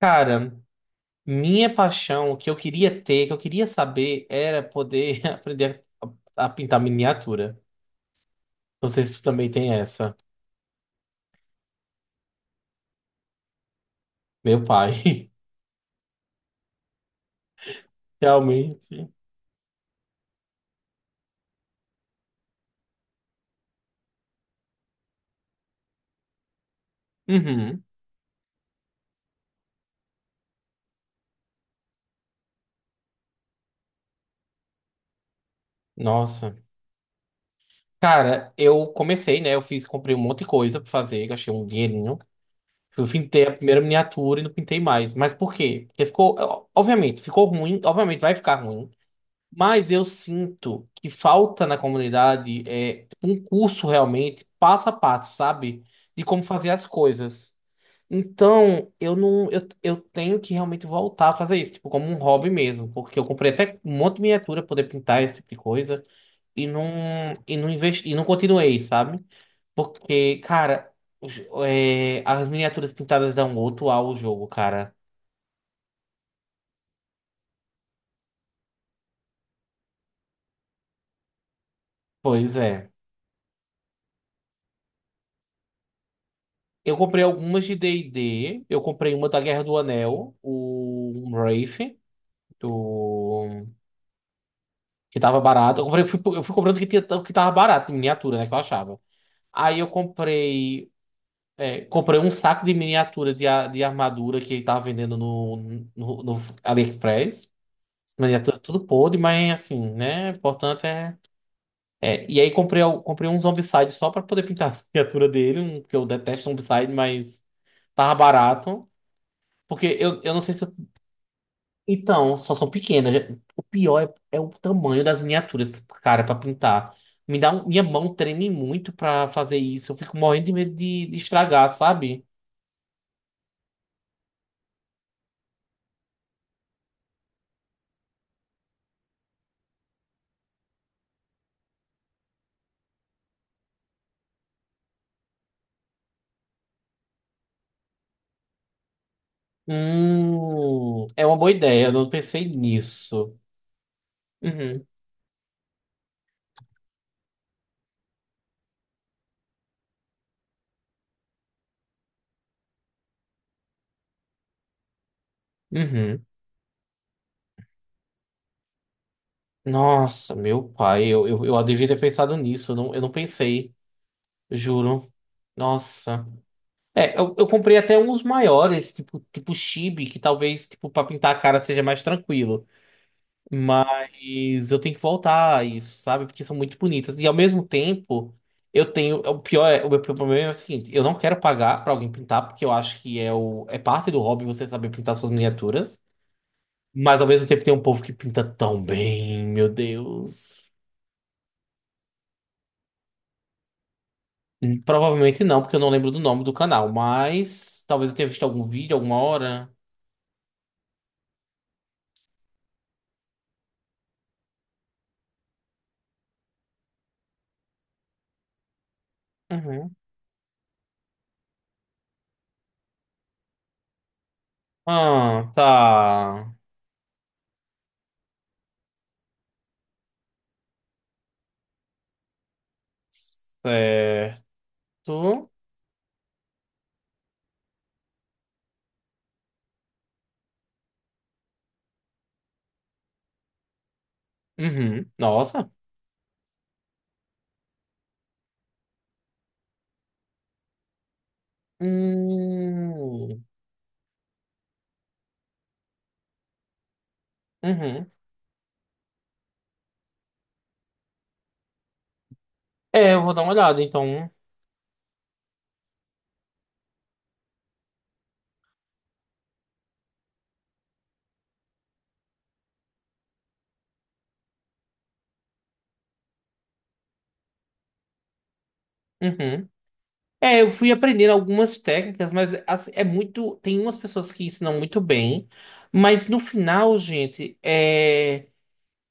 Cara, minha paixão, o que eu queria ter, que eu queria saber, era poder aprender a pintar miniatura. Não sei se tu também tem essa. Meu pai, realmente. Uhum. Nossa. Cara, eu comecei, né? Eu fiz, comprei um monte de coisa pra fazer, gastei um dinheirinho. Eu pintei a primeira miniatura e não pintei mais. Mas por quê? Porque ficou, obviamente, ficou ruim, obviamente vai ficar ruim. Mas eu sinto que falta na comunidade é um curso realmente passo a passo, sabe? De como fazer as coisas. Então, eu não eu, eu tenho que realmente voltar a fazer isso, tipo, como um hobby mesmo, porque eu comprei até um monte de miniatura pra poder pintar esse tipo de coisa e não investi, e não continuei, sabe? Porque, cara, os- as miniaturas pintadas dão outro ar ao jogo, cara. Pois é. Eu comprei algumas de D&D. Eu comprei uma da Guerra do Anel, o um Wraith, do... que tava barato. Eu comprei, eu fui, comprando o que, tinha, o que tava barato, de miniatura, né, que eu achava. Aí eu comprei um saco de miniatura de armadura que ele tava vendendo no AliExpress. Miniatura tudo podre, mas assim, né? O importante é... E aí comprei um Zombicide só pra poder pintar a miniatura dele, um, que eu detesto Zombicide, mas tava barato. Porque eu não sei se eu... Então, só são pequenas. O pior é o tamanho das miniaturas, cara, pra pintar. Me dá um- minha mão treme muito pra fazer isso. Eu fico morrendo de medo de estragar, sabe? É uma boa ideia. Eu não pensei nisso. Uhum, uhum. Nossa, meu pai, eu devia ter pensado nisso. Eu não pensei, juro. Nossa. É, eu comprei até uns maiores, tipo, tipo chibi, que talvez, tipo, pra pintar a cara seja mais tranquilo. Mas eu tenho que voltar a isso, sabe? Porque são muito bonitas. E ao mesmo tempo, eu tenho. O pior é, o meu problema é o seguinte: eu não quero pagar pra alguém pintar, porque eu acho que é parte do hobby você saber pintar suas miniaturas. Mas ao mesmo tempo tem um povo que pinta tão bem, meu Deus. Provavelmente não, porque eu não lembro do nome do canal, mas talvez eu tenha visto algum vídeo alguma hora. Uhum. Ah, tá. Certo. Uhum. Nossa. Hum. Uhum. É, eu vou dar uma olhada, então. Uhum. É, eu fui aprendendo algumas técnicas, mas assim, é muito. Tem umas pessoas que ensinam muito bem, mas no final, gente, é.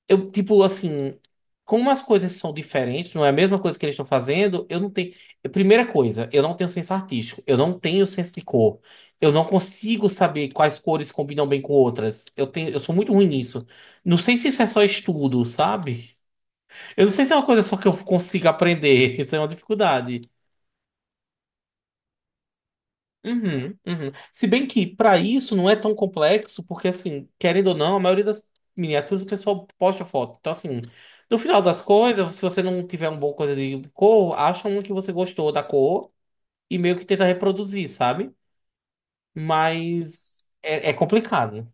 Eu, tipo, assim. Como as coisas são diferentes, não é a mesma coisa que eles estão fazendo, eu não tenho. Primeira coisa, eu não tenho senso artístico, eu não tenho senso de cor. Eu não consigo saber quais cores combinam bem com outras. Eu tenho, eu sou muito ruim nisso. Não sei se isso é só estudo, sabe? Eu não sei se é uma coisa só que eu consigo aprender. Isso é uma dificuldade. Uhum, uhum. Se bem que para isso não é tão complexo, porque assim, querendo ou não, a maioria das miniaturas o pessoal posta foto. Então, assim, no final das coisas, se você não tiver uma boa coisa de cor, acha um que você gostou da cor e meio que tenta reproduzir, sabe? Mas é complicado.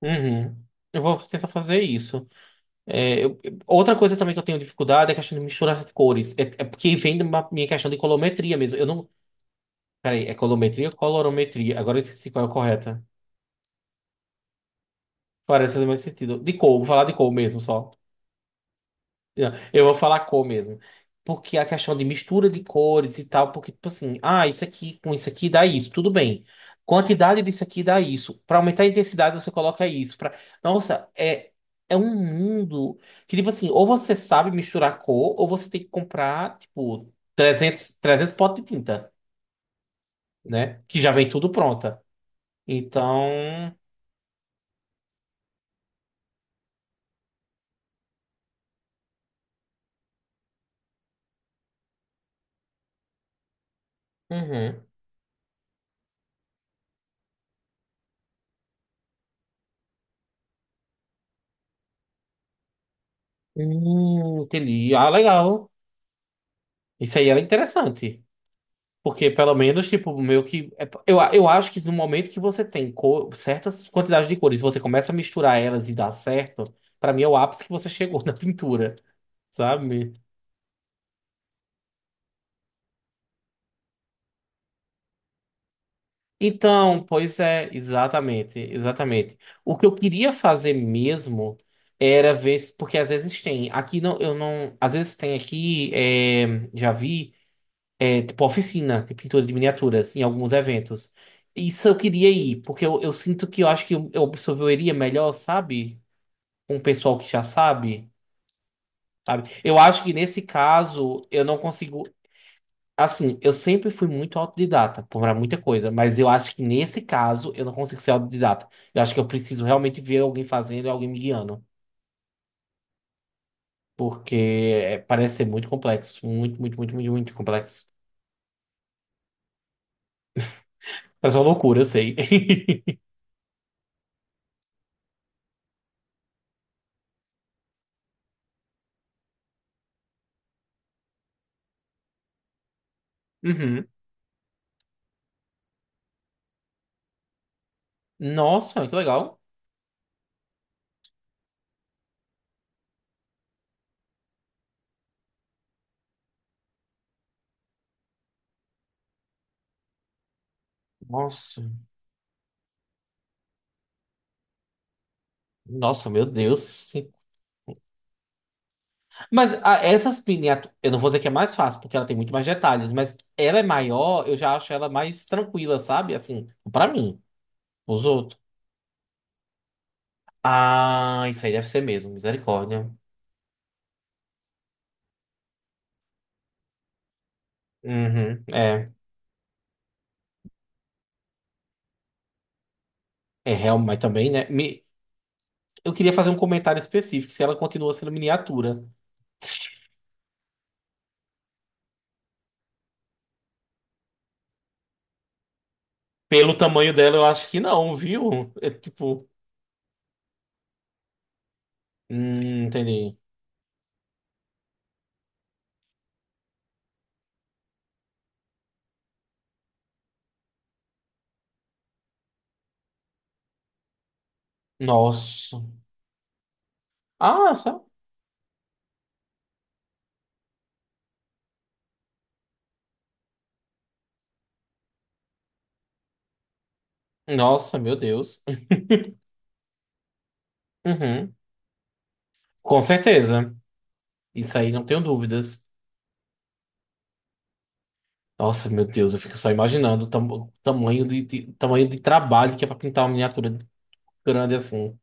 Uhum. Eu vou tentar fazer isso. É, outra coisa também que eu tenho dificuldade é a questão de misturar as cores. É porque vem da minha questão de colometria mesmo. Eu não... Peraí, é colometria ou colorometria? Agora eu esqueci qual é a correta. Parece fazer mais sentido. De cor, vou falar de cor mesmo só. Não, eu vou falar cor mesmo. Porque a questão de mistura de cores e tal, porque, tipo assim, ah, isso aqui com isso aqui dá isso, tudo bem. Quantidade disso aqui dá isso. Pra aumentar a intensidade, você coloca isso. Pra... Nossa, é, é um mundo que, tipo assim, ou você sabe misturar cor, ou você tem que comprar, tipo, trezentos potes de tinta, né? Que já vem tudo pronta. Então. Uhum. Entendi. Ah, legal. Isso aí era interessante. Porque pelo menos, tipo, meio que. Eu acho que no momento que você tem co- certas quantidades de cores, você começa a misturar elas e dá certo, pra mim é o ápice que você chegou na pintura, sabe? Então, pois é, exatamente, exatamente. O que eu queria fazer mesmo era ver, se- porque às vezes tem, aqui não, eu não, às vezes tem aqui, é, já vi. É, tipo oficina de pintura de miniaturas em alguns eventos. Isso eu queria ir, porque eu sinto que eu acho que eu absorveria melhor, sabe? Com o pessoal que já sabe, sabe? Eu acho que nesse caso eu não consigo. Assim, eu sempre fui muito autodidata para muita coisa, mas eu acho que nesse caso eu não consigo ser autodidata. Eu acho que eu, preciso realmente ver alguém fazendo e alguém me guiando, porque parece ser muito complexo, muito, muito, muito, muito, muito complexo. Parece uma loucura, eu sei. Uhum. Nossa, que legal. Nossa, nossa, meu Deus. Sim. Mas essas miniaturas, eu não vou dizer que é mais fácil, porque ela tem muito mais detalhes, mas ela é maior, eu já acho ela mais tranquila, sabe? Assim, pra mim, os outros. Ah, isso aí deve ser mesmo, misericórdia. Uhum. É real, mas também, né? Eu queria fazer um comentário específico, se ela continua sendo miniatura. Pelo tamanho dela, eu acho que não, viu? É tipo, entendi. Nossa. Ah, só. Nossa, meu Deus. Uhum. Com certeza. Isso aí não tenho dúvidas. Nossa, meu Deus, eu fico só imaginando o tamanho de trabalho que é pra pintar uma miniatura grande assim.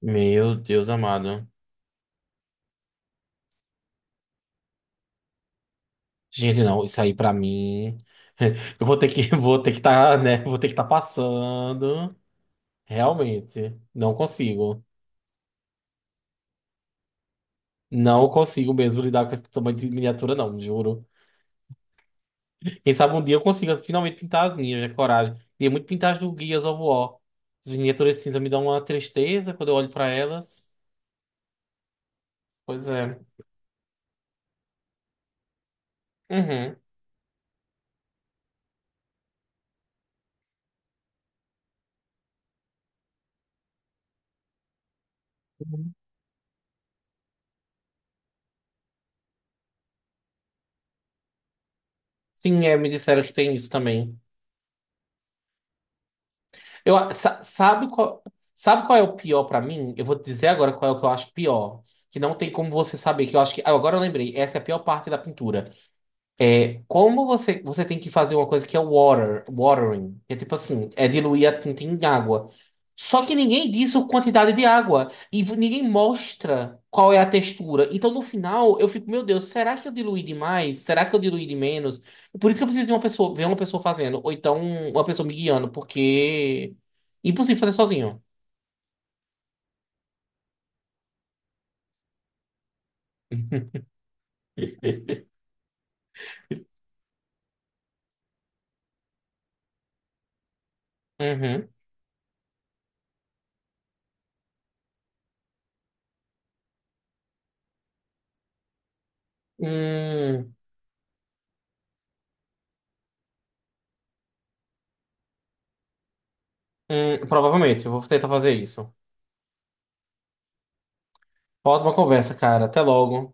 Meu Deus amado. Gente, não, isso aí pra mim. Eu vou ter que vou ter que estar, né? Vou ter que estar passando. Realmente, não consigo. Não consigo mesmo lidar com esse tamanho de miniatura, não, juro. Quem sabe um dia eu consiga finalmente pintar as minhas, é coragem. Queria muito pintar as do Gears of War. As miniaturas cinza me dão uma tristeza quando eu olho pra elas. Pois é. Uhum. Uhum. Sim, é, me disseram que tem isso também. Eu, sa- sabe qual é o pior pra mim? Eu vou te dizer agora qual é o que eu acho pior. Que não tem como você saber, que eu acho que... ah, agora eu lembrei, essa é a pior parte da pintura. É, como você, você tem que fazer uma coisa que é water, watering, que é tipo assim, é diluir a tinta em água. Só que ninguém diz a quantidade de água e ninguém mostra qual é a textura. Então no final eu fico, meu Deus, será que eu diluí demais? Será que eu diluí de menos? Por isso que eu preciso de uma pessoa, ver uma pessoa fazendo, ou então uma pessoa me guiando, porque é impossível fazer sozinho. Uhum. Hum, provavelmente, eu vou tentar fazer isso. Ótima conversa, cara. Até logo.